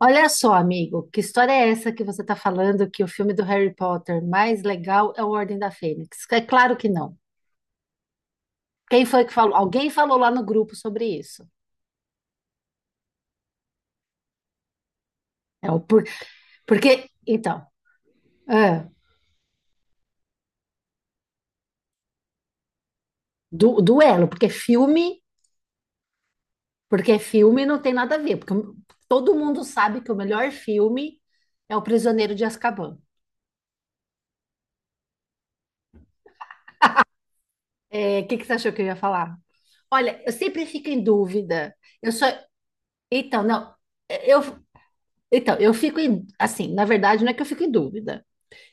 Olha só, amigo, que história é essa que você está falando que o filme do Harry Potter mais legal é o Ordem da Fênix? É claro que não. Quem foi que falou? Alguém falou lá no grupo sobre isso. É o por... Porque, então, é, duelo, porque filme não tem nada a ver, porque todo mundo sabe que o melhor filme é O Prisioneiro de Azkaban. O que que você achou que eu ia falar? Olha, eu sempre fico em dúvida. Eu só. Então, não. Eu, Então, eu fico em, assim, na verdade, não é que eu fico em dúvida.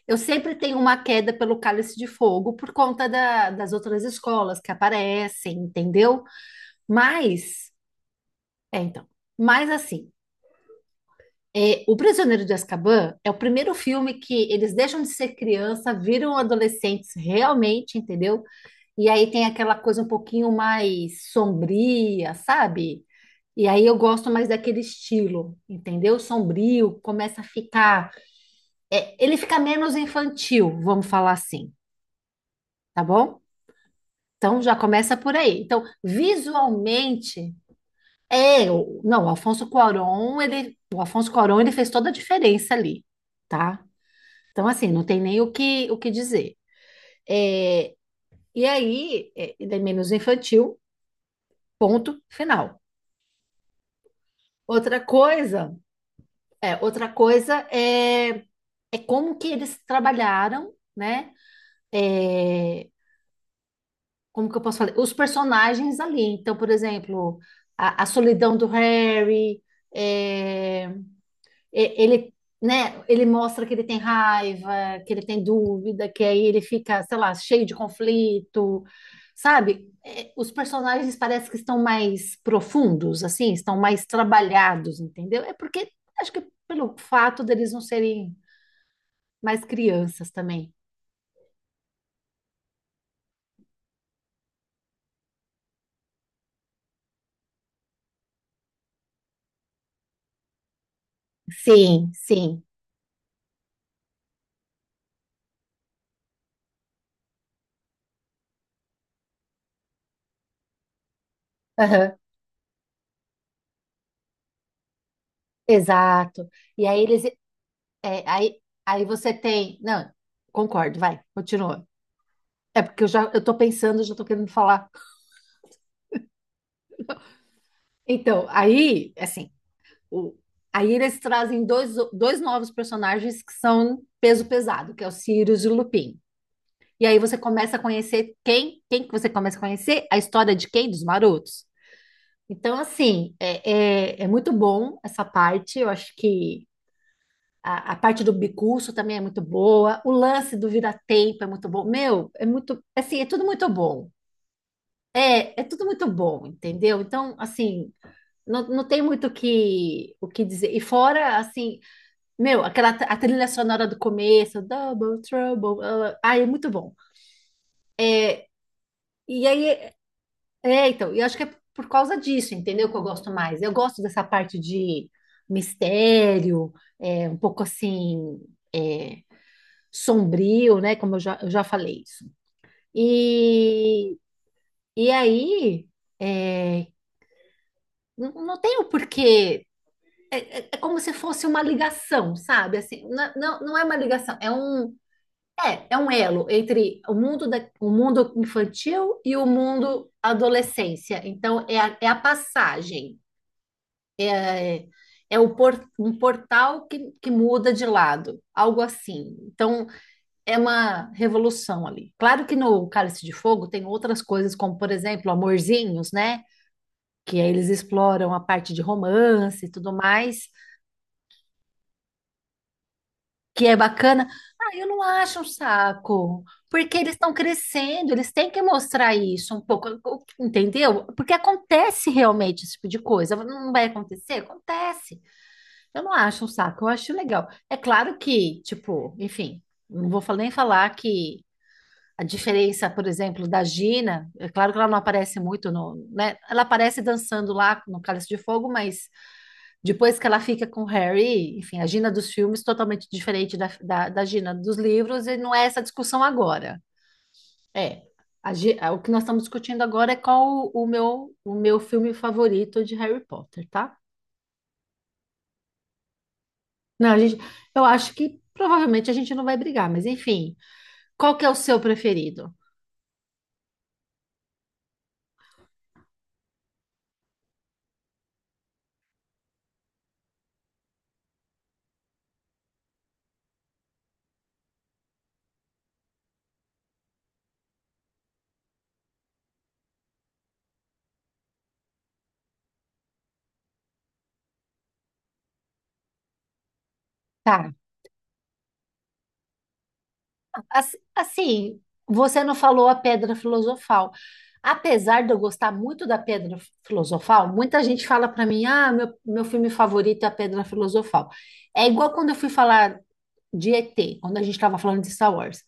Eu sempre tenho uma queda pelo Cálice de Fogo por conta das outras escolas que aparecem, entendeu? Mas, então, mas assim, O Prisioneiro de Azkaban é o primeiro filme que eles deixam de ser criança, viram adolescentes realmente, entendeu? E aí tem aquela coisa um pouquinho mais sombria, sabe? E aí eu gosto mais daquele estilo, entendeu? Sombrio, começa a ficar ele fica menos infantil, vamos falar assim, tá bom? Então já começa por aí. Então, visualmente, não, o Alfonso Cuarón, ele fez toda a diferença ali, tá? Então, assim, não tem nem o que dizer. É, e aí, ele é menos infantil, ponto final. Outra coisa, outra coisa é como que eles trabalharam, né? É, Como que eu posso falar? Os personagens ali. Então, por exemplo, a solidão do Harry, é, ele, né, ele mostra que ele tem raiva, que ele tem dúvida, que aí ele fica, sei lá, cheio de conflito, sabe? Os personagens parece que estão mais profundos, assim, estão mais trabalhados, entendeu? Porque acho que pelo fato deles não serem mais crianças também. Sim, sim. Aham, exato. E aí eles, É, aí, aí você tem. Não, concordo, vai, continua. É porque eu já eu tô pensando, já tô querendo falar. Então, aí, assim, o, aí eles trazem dois novos personagens que são peso pesado, que é o Sirius e o Lupin. E aí você começa a conhecer quem que você começa a conhecer? A história de quem? Dos marotos. Então, assim, é muito bom essa parte. Eu acho que a parte do bicurso também é muito boa. O lance do vira-tempo é muito bom. Meu, é muito, assim, é tudo muito bom. É, é tudo muito bom, entendeu? Então, assim, não tem muito o que dizer. E fora, assim, meu, a trilha sonora do começo, Double Trouble, ah, ah, é muito bom. E aí, então, eu acho que é por causa disso, entendeu? Que eu gosto mais. Eu gosto dessa parte de mistério, um pouco assim, é, sombrio, né? Como eu já falei isso. E, e aí, é, não tem o porquê. É como se fosse uma ligação, sabe? Assim, não, não é uma ligação, é um elo entre o mundo, o mundo infantil e o mundo adolescência. Então, é a passagem, é, um portal que muda de lado, algo assim. Então, é uma revolução ali. Claro que no Cálice de Fogo tem outras coisas, como, por exemplo, Amorzinhos, né? Que aí eles exploram a parte de romance e tudo mais, que é bacana. Ah, eu não acho um saco, porque eles estão crescendo, eles têm que mostrar isso um pouco, entendeu? Porque acontece realmente esse tipo de coisa. Não vai acontecer? Acontece. Eu não acho um saco, eu acho legal. É claro que, tipo, enfim, não vou nem falar que a diferença, por exemplo, da Gina, é claro que ela não aparece muito no, né? Ela aparece dançando lá no Cálice de Fogo, mas depois que ela fica com o Harry, enfim, a Gina dos filmes totalmente diferente da Gina dos livros, e não é essa discussão agora. É, o que nós estamos discutindo agora é qual o meu filme favorito de Harry Potter, tá? Não, eu acho que provavelmente a gente não vai brigar, mas enfim, qual que é o seu preferido? Tá, assim, você não falou a Pedra Filosofal. Apesar de eu gostar muito da Pedra Filosofal, muita gente fala para mim: ah, meu filme favorito é a Pedra Filosofal. É igual quando eu fui falar de ET, quando a gente estava falando de Star Wars.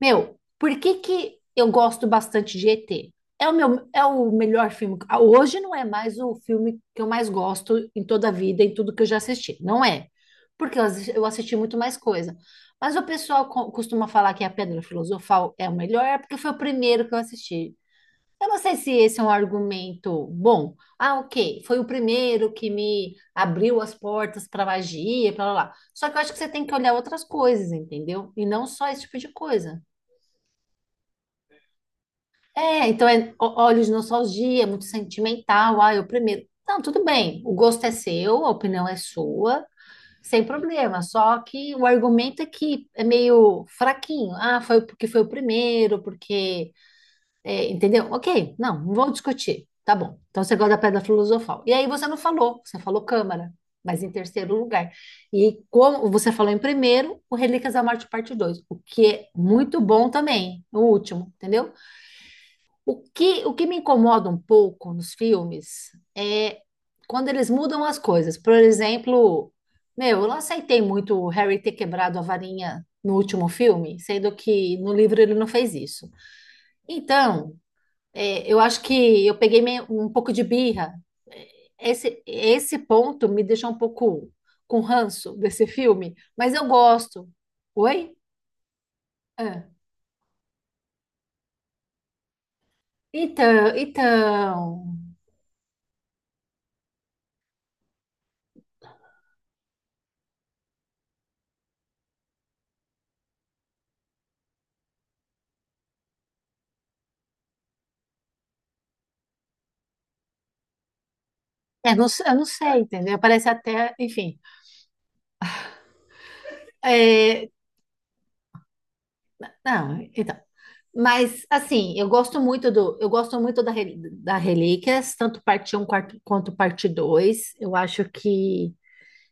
Meu, por que que eu gosto bastante de ET? É o meu, é o melhor filme. Ah, hoje não é mais o filme que eu mais gosto em toda a vida, em tudo que eu já assisti. Não é. Porque eu assisti muito mais coisa. Mas o pessoal costuma falar que é a Pedra Filosofal é o melhor, porque foi o primeiro que eu assisti. Eu não sei se esse é um argumento bom. Ah, ok, foi o primeiro que me abriu as portas para magia, para lá. Lá. Só que eu acho que você tem que olhar outras coisas, entendeu? E não só esse tipo de coisa. Então é olhos de nostalgia, é muito sentimental. Ah, eu primeiro. Não, tudo bem. O gosto é seu, a opinião é sua, sem problema. Só que o argumento é que é meio fraquinho. Ah, foi porque foi o primeiro, entendeu? Ok, não vou discutir. Tá bom. Então você gosta da Pedra Filosofal. E aí você não falou, você falou Câmara, mas em terceiro lugar. E como você falou em primeiro, o Relíquias da Morte parte 2, o que é muito bom também, o último, entendeu? O que me incomoda um pouco nos filmes é quando eles mudam as coisas. Por exemplo, meu, eu não aceitei muito o Harry ter quebrado a varinha no último filme, sendo que no livro ele não fez isso. Então, eu acho que eu peguei um pouco de birra. Esse ponto me deixou um pouco com ranço desse filme, mas eu gosto. Oi? Ah. Então. Não, eu não sei, entendeu? Parece até, enfim. É, não, então. Mas assim, eu gosto muito da Relíquias, tanto parte Um quanto parte 2. Eu acho que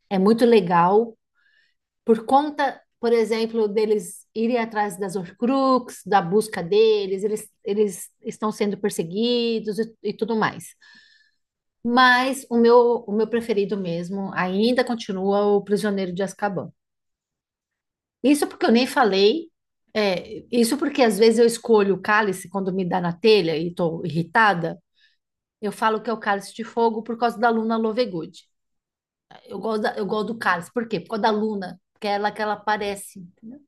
é muito legal. Por conta, por exemplo, deles irem atrás das Horcrux, da busca deles, eles estão sendo perseguidos e tudo mais. Mas o meu preferido mesmo ainda continua o Prisioneiro de Azkaban. Isso porque eu nem falei, isso porque às vezes eu escolho o cálice quando me dá na telha e estou irritada. Eu falo que é o Cálice de Fogo por causa da Luna Lovegood. Eu gosto, eu gosto do cálice. Por quê? Por causa da Luna, porque é ela que ela aparece. Entendeu?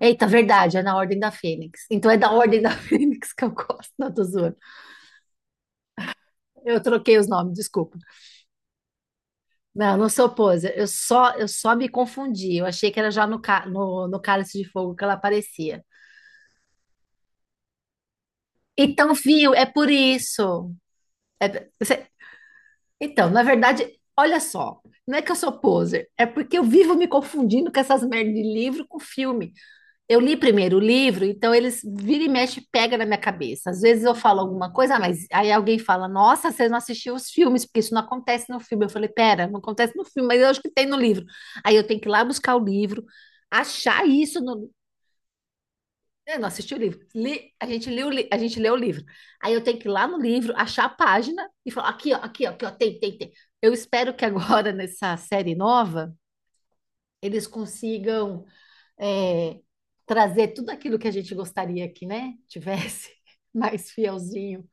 Eita, verdade, é na Ordem da Fênix. Então é da Ordem da Fênix que eu gosto, não tô zoando. Eu troquei os nomes, desculpa. Não, eu não sou poser, eu só me confundi. Eu achei que era já no Cálice de Fogo que ela aparecia. Então, viu, é por isso. É- você- então, na verdade, olha só, não é que eu sou poser, é porque eu vivo me confundindo com essas merdas de livro com filme. Eu li primeiro o livro, então eles vira e mexe, pega na minha cabeça. Às vezes eu falo alguma coisa, ah, mas aí alguém fala: Nossa, você não assistiu os filmes, porque isso não acontece no filme. Eu falei: Pera, não acontece no filme, mas eu acho que tem no livro. Aí eu tenho que ir lá buscar o livro, achar isso no. Eu não assisti o livro. Li- a gente leu, o li- a gente leu o livro. Aí eu tenho que ir lá no livro, achar a página e falar: Aqui, ó, aqui, ó, aqui, ó, tem, tem, tem. Eu espero que agora nessa série nova eles consigam é, trazer tudo aquilo que a gente gostaria que, né, tivesse mais fielzinho.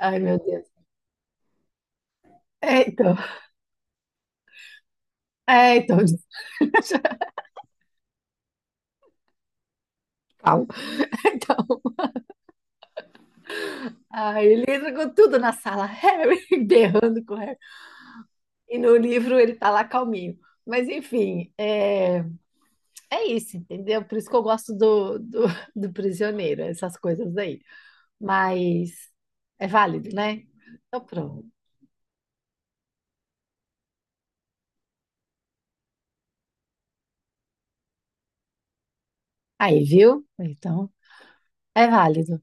Ai, meu Deus. É, então, então, calma. Então, aí ele entra com tudo na sala, Harry berrando com o Harry. E no livro ele tá lá calminho. Mas enfim, é isso, entendeu? Por isso que eu gosto do Prisioneiro, essas coisas aí. Mas é válido, né? Então pronto. Aí, viu? Então, é válido.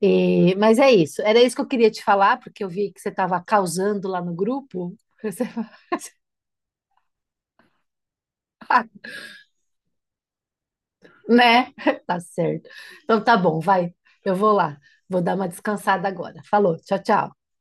Mas é isso. Era isso que eu queria te falar, porque eu vi que você estava causando lá no grupo. Você fala, "Ah, né? Tá certo. Então tá bom, vai. Eu vou lá. Vou dar uma descansada agora. Falou, tchau, tchau.